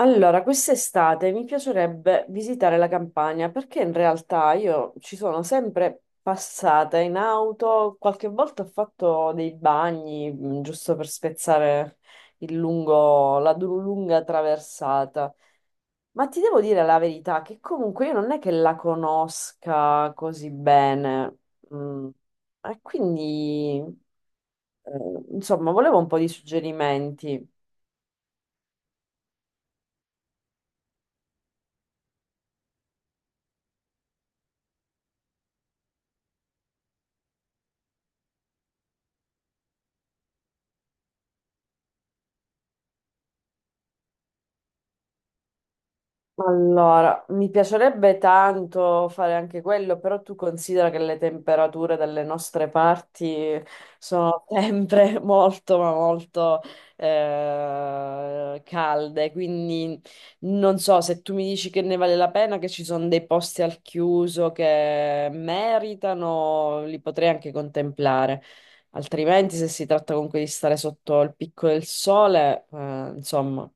Allora, quest'estate mi piacerebbe visitare la Campania perché in realtà io ci sono sempre passata in auto, qualche volta ho fatto dei bagni giusto per spezzare il lungo, lunga traversata. Ma ti devo dire la verità che comunque io non è che la conosca così bene. Mm, E quindi, insomma, volevo un po' di suggerimenti. Allora, mi piacerebbe tanto fare anche quello, però tu considera che le temperature dalle nostre parti sono sempre molto, ma molto calde, quindi non so se tu mi dici che ne vale la pena, che ci sono dei posti al chiuso che meritano, li potrei anche contemplare. Altrimenti, se si tratta comunque di stare sotto il picco del sole, insomma.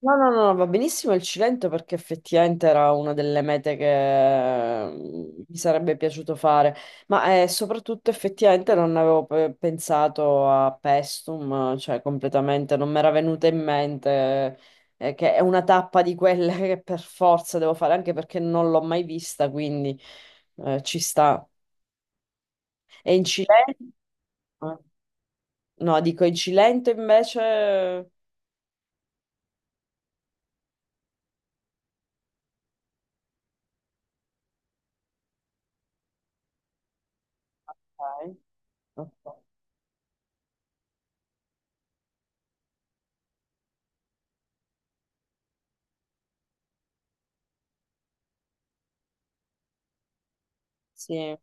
No, no, no, va benissimo il Cilento perché effettivamente era una delle mete che mi sarebbe piaciuto fare, ma soprattutto effettivamente non avevo pensato a Pestum, cioè completamente non mi era venuta in mente, che è una tappa di quelle che per forza devo fare, anche perché non l'ho mai vista, quindi ci sta. E in Cilento? No, dico in Cilento invece... Ok, ok. Sì.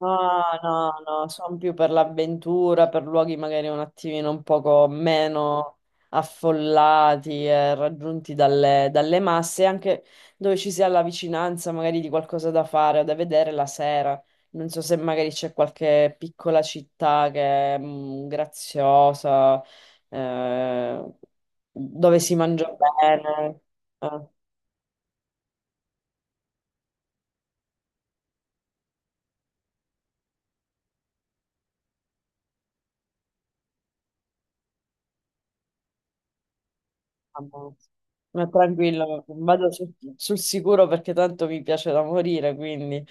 No, no, no, sono più per l'avventura, per luoghi magari un attimino un poco meno affollati e raggiunti dalle masse, anche dove ci sia la vicinanza magari di qualcosa da fare o da vedere la sera. Non so se magari c'è qualche piccola città che è graziosa, eh, dove si mangia bene. Eh. Ammazza. Ma tranquillo, vado sul sicuro perché tanto mi piace da morire, quindi...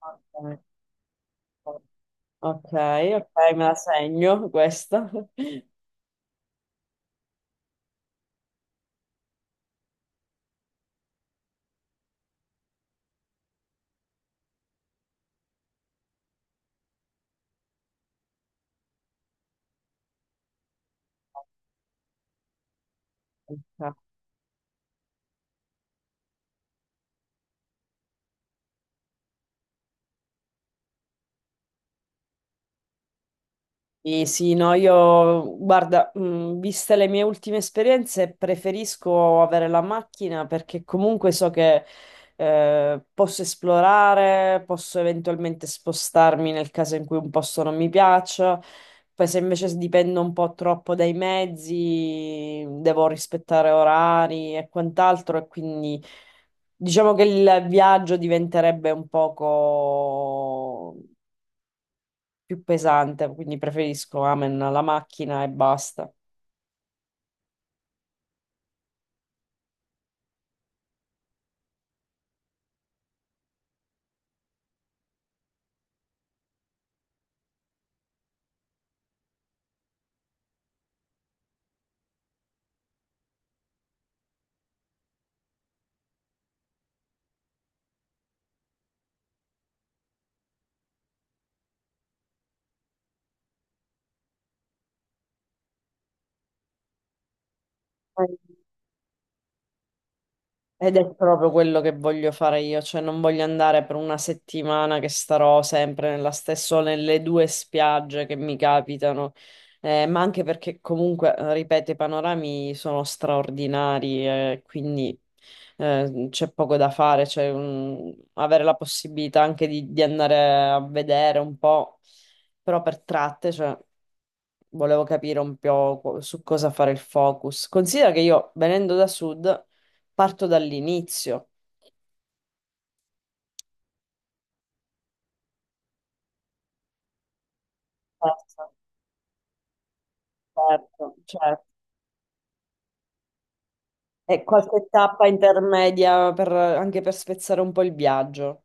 Ok, ok, ok, me la segno questa. Ok. Sì, sì, no, io guarda, viste le mie ultime esperienze, preferisco avere la macchina perché comunque so che, posso esplorare, posso eventualmente spostarmi nel caso in cui un posto non mi piaccia. Poi se invece dipendo un po' troppo dai mezzi, devo rispettare orari e quant'altro, e quindi diciamo che il viaggio diventerebbe un poco più pesante, quindi preferisco amen alla macchina e basta. Eh, Ed è proprio quello che voglio fare io, cioè non voglio andare per una settimana che starò sempre nella stessa, o nelle due spiagge che mi capitano, ma anche perché comunque, ripeto, i panorami sono straordinari, quindi c'è poco da fare, cioè, mm, avere la possibilità anche di andare a vedere un po', però per tratte, cioè, volevo capire un po' su cosa fare il focus. Considera che io, venendo da sud, parto dall'inizio. Certo, certo, certo. E qualche tappa intermedia anche per spezzare un po' il viaggio.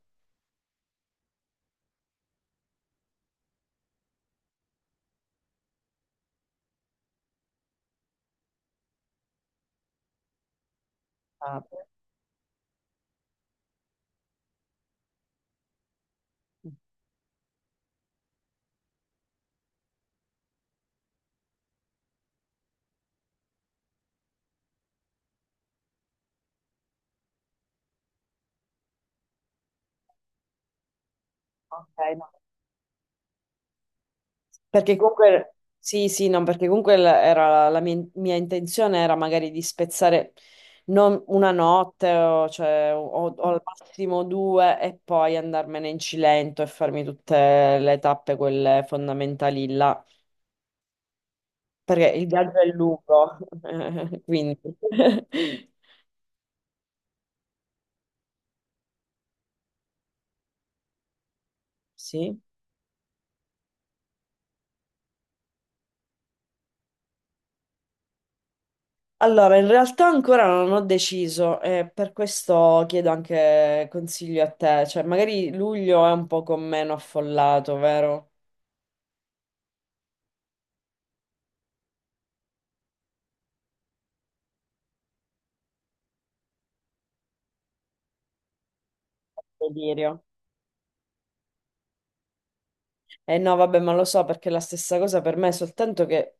Ah, ok, no. Perché comunque, sì, sì, no, perché comunque era mia intenzione era magari di spezzare non una notte o, cioè, o al massimo due e poi andarmene in Cilento e farmi tutte le tappe, quelle fondamentali là, perché il viaggio è lungo, quindi. Sì. Allora, in realtà ancora non ho deciso e per questo chiedo anche consiglio a te, cioè magari luglio è un po' meno affollato, vero? Delirio. Eh no, vabbè, ma lo so perché è la stessa cosa per me, soltanto che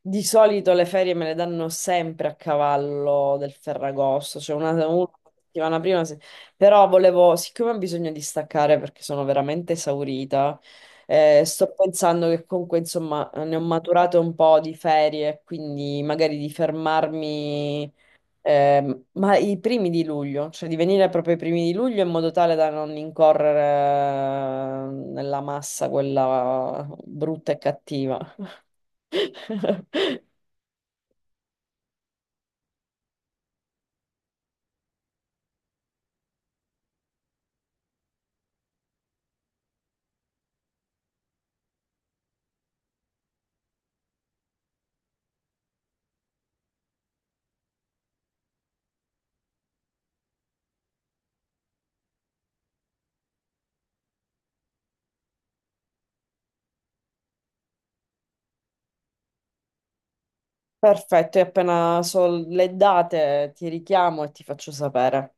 di solito le ferie me le danno sempre a cavallo del Ferragosto, cioè una settimana prima. Però volevo, siccome ho bisogno di staccare perché sono veramente esaurita, sto pensando che comunque, insomma, ne ho maturate un po' di ferie, quindi magari di fermarmi. Ma i primi di luglio, cioè di venire proprio ai primi di luglio in modo tale da non incorrere nella massa quella brutta e cattiva. Perfetto, e appena so le date ti richiamo e ti faccio sapere.